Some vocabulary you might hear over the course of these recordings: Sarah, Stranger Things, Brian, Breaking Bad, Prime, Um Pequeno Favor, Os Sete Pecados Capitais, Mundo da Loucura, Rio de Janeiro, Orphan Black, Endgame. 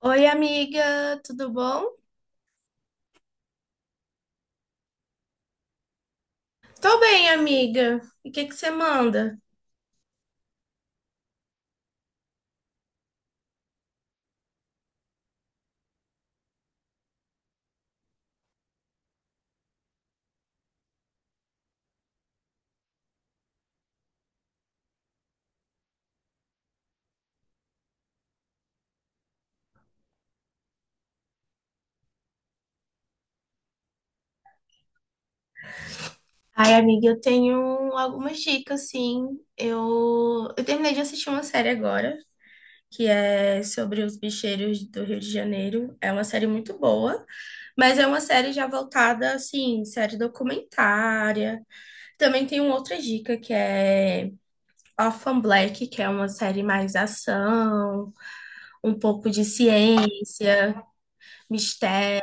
Oi, amiga, tudo bom? Tô bem, amiga. E o que que você manda? Ai, amiga, eu tenho algumas dicas, sim. Eu terminei de assistir uma série agora, que é sobre os bicheiros do Rio de Janeiro. É uma série muito boa, mas é uma série já voltada, assim, série documentária. Também tem uma outra dica, que é Orphan Black, que é uma série mais ação, um pouco de ciência, mistério.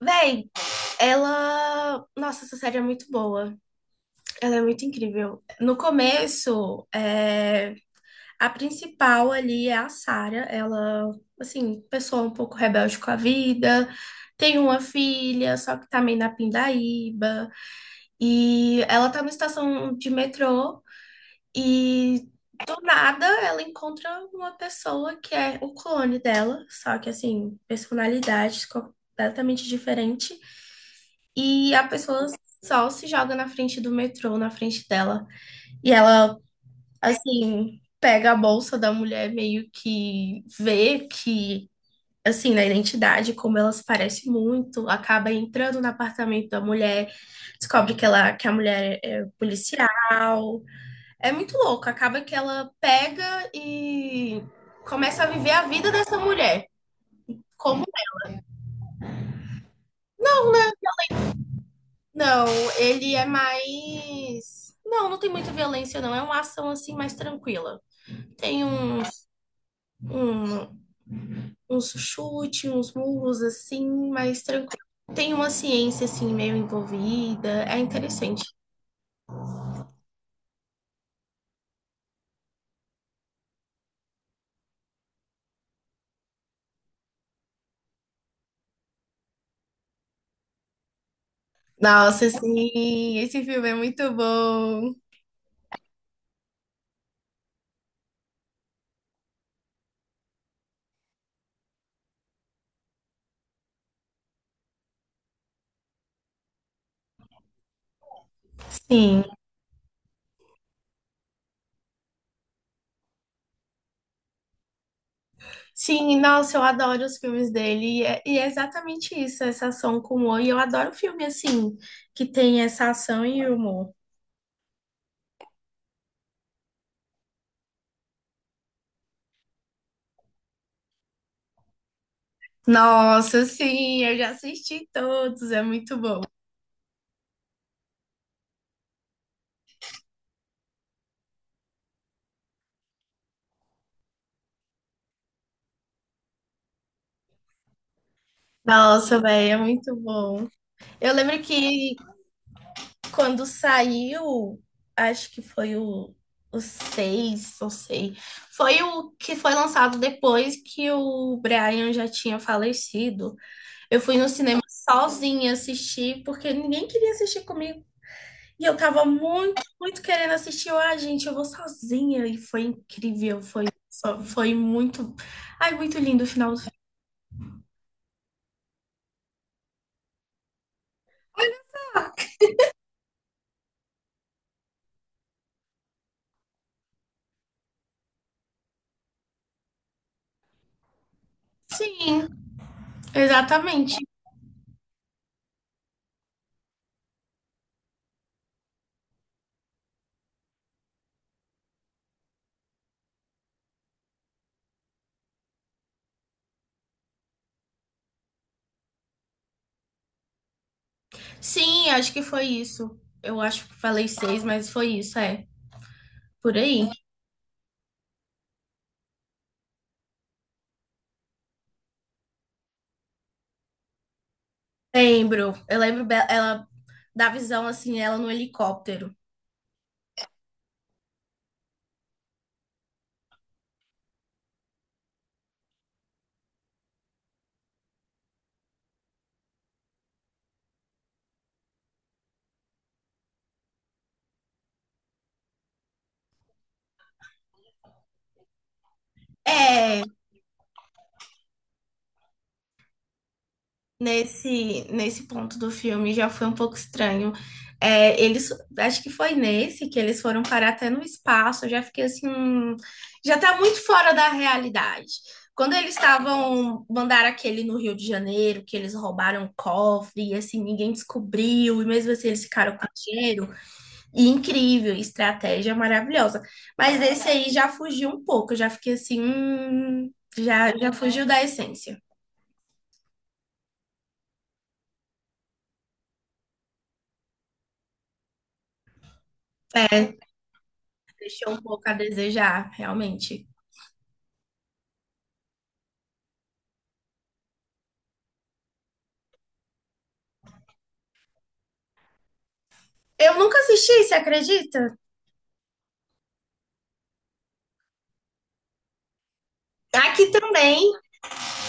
Véi, Ela. Nossa, essa série é muito boa. Ela é muito incrível. No começo, a principal ali é a Sarah. Ela, assim, pessoa um pouco rebelde com a vida. Tem uma filha, só que tá meio na pindaíba. E ela tá numa estação de metrô e do nada ela encontra uma pessoa que é o clone dela, só que assim, personalidade completamente diferente. E a pessoa só se joga na frente do metrô, na frente dela. E ela, assim, pega a bolsa da mulher, meio que vê que, assim, na identidade, como ela se parece muito, acaba entrando no apartamento da mulher, descobre que ela, que a mulher é policial. É muito louco. Acaba que ela pega e começa a viver a vida dessa mulher. Como? Não, ele é mais. Não, não tem muita violência, não. É uma ação assim mais tranquila. Tem uns, um, uns chutes, uns murros assim, mais tranquilo. Tem uma ciência assim meio envolvida. É interessante. Nossa, sim, esse filme é muito bom. Sim, sim, nossa, eu adoro os filmes dele. E é exatamente isso, essa ação com humor. E eu adoro filme assim, que tem essa ação e humor. Nossa, sim, eu já assisti todos, é muito bom. Nossa, velho, é muito bom. Eu lembro que quando saiu, acho que foi o 6, não sei, foi o que foi lançado depois que o Brian já tinha falecido. Eu fui no cinema sozinha assistir, porque ninguém queria assistir comigo. E eu tava muito, muito querendo assistir. Eu, ah, gente, eu vou sozinha. E foi incrível, foi, foi muito. Ai, muito lindo o final. Sim, exatamente. Sim, acho que foi isso. Eu acho que falei seis, mas foi isso, é. Por aí. Lembro. Eu ela da visão assim, ela no helicóptero. É, nesse ponto do filme já foi um pouco estranho. É, eles, acho que foi nesse que eles foram parar até no espaço. Eu já fiquei assim, já tá muito fora da realidade. Quando eles estavam, mandaram aquele no Rio de Janeiro, que eles roubaram o cofre, e assim, ninguém descobriu, e mesmo assim eles ficaram com o dinheiro. E incrível, estratégia maravilhosa. Mas esse aí já fugiu um pouco, eu já fiquei assim, já fugiu da essência. Deixou um pouco a desejar, realmente. Eu nunca assisti, você acredita? Aqui também,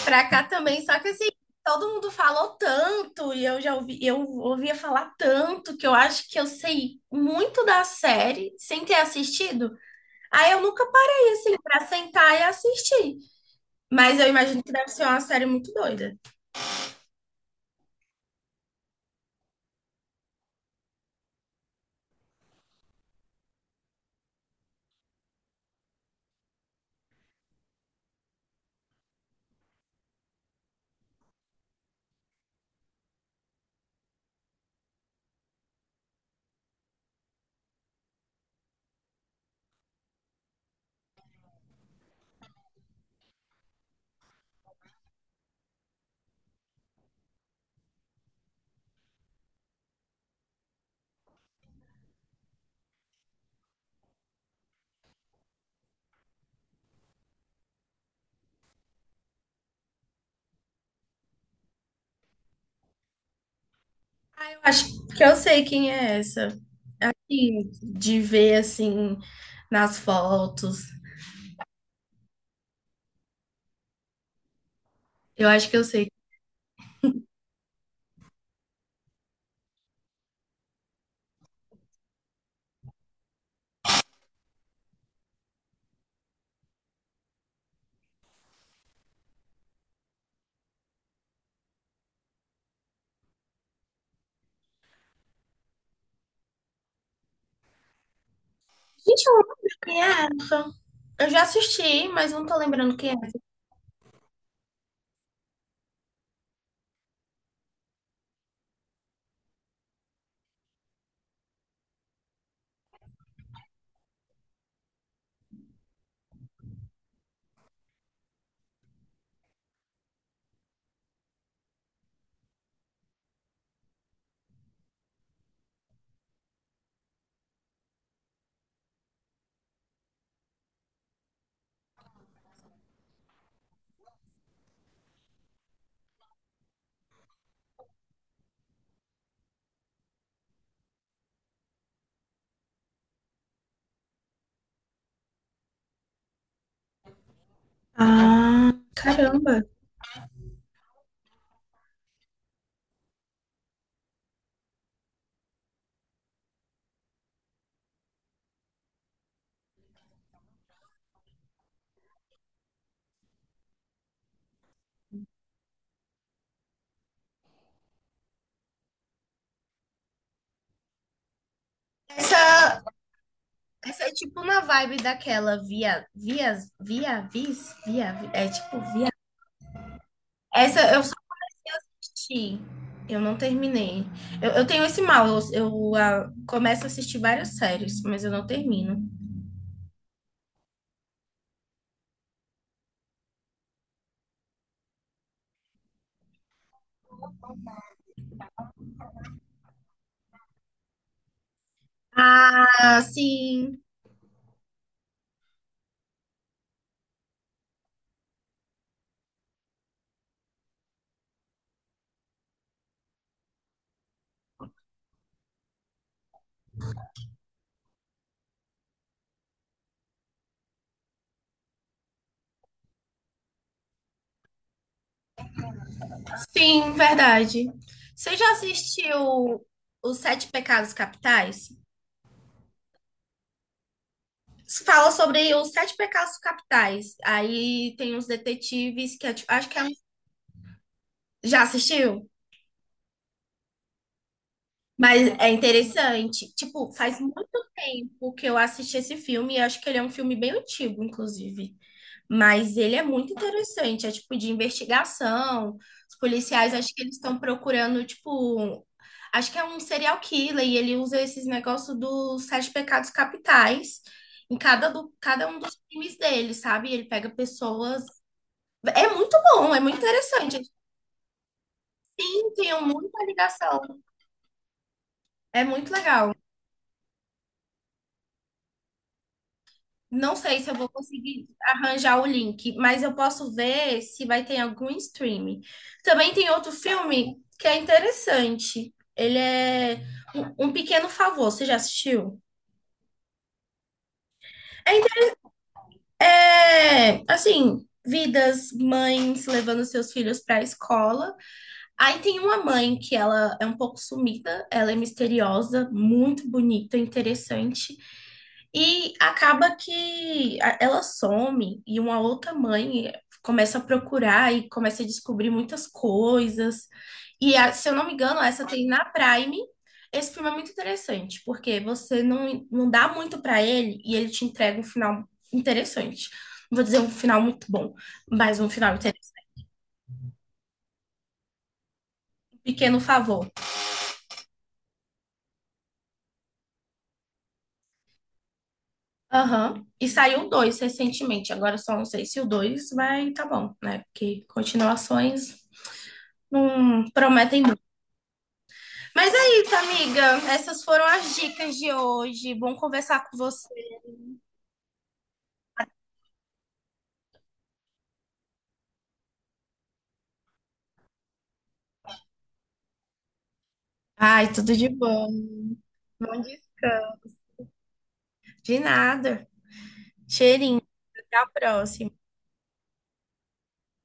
pra cá também, só que assim, todo mundo falou tanto e eu já ouvi, eu ouvia falar tanto que eu acho que eu sei muito da série sem ter assistido. Aí eu nunca parei assim pra sentar e assistir. Mas eu imagino que deve ser uma série muito doida. Eu acho que eu sei quem é essa. Sim, de ver assim nas fotos. Eu acho que eu sei. Gente, eu não lembro quem é essa. Eu já assisti, mas não tô lembrando quem é. Ah, caramba. Essa, essa é tipo na vibe daquela via, vias, via, vis, via, vi- é tipo via. Essa eu só assisti, eu não terminei. Eu tenho esse mal, eu, ah, começo a assistir várias séries, mas eu não termino. Ah, sim, sim, verdade. Você já assistiu Os Sete Pecados Capitais? Fala sobre os sete pecados capitais. Aí tem uns detetives que é, tipo, acho que já assistiu, mas é interessante. Tipo, faz muito tempo que eu assisti esse filme e acho que ele é um filme bem antigo, inclusive. Mas ele é muito interessante, é tipo de investigação. Os policiais acho que eles estão procurando tipo, acho que é um serial killer e ele usa esses negócios dos sete pecados capitais em cada um dos crimes dele, sabe? Ele pega pessoas. É muito bom, é muito interessante. Eu tenho muita ligação. É muito legal. Não sei se eu vou conseguir arranjar o link, mas eu posso ver se vai ter algum streaming. Também tem outro filme que é interessante. Ele é Um Pequeno Favor. Você já assistiu? É, inte- assim, vidas, mães levando seus filhos para a escola. Aí tem uma mãe que ela é um pouco sumida, ela é misteriosa, muito bonita, interessante. E acaba que ela some e uma outra mãe começa a procurar e começa a descobrir muitas coisas. E se eu não me engano, essa tem na Prime. Esse filme é muito interessante, porque você não, não dá muito pra ele e ele te entrega um final interessante. Não vou dizer um final muito bom, mas um final interessante. Um pequeno favor. Aham. E saiu o dois recentemente. Agora eu só não sei se o dois vai tá bom, né? Porque continuações não prometem muito. Mas é isso, amiga. Essas foram as dicas de hoje. Bom conversar com você. Ai, tudo de bom. Bom descanso. De nada. Cheirinho. Até a próxima.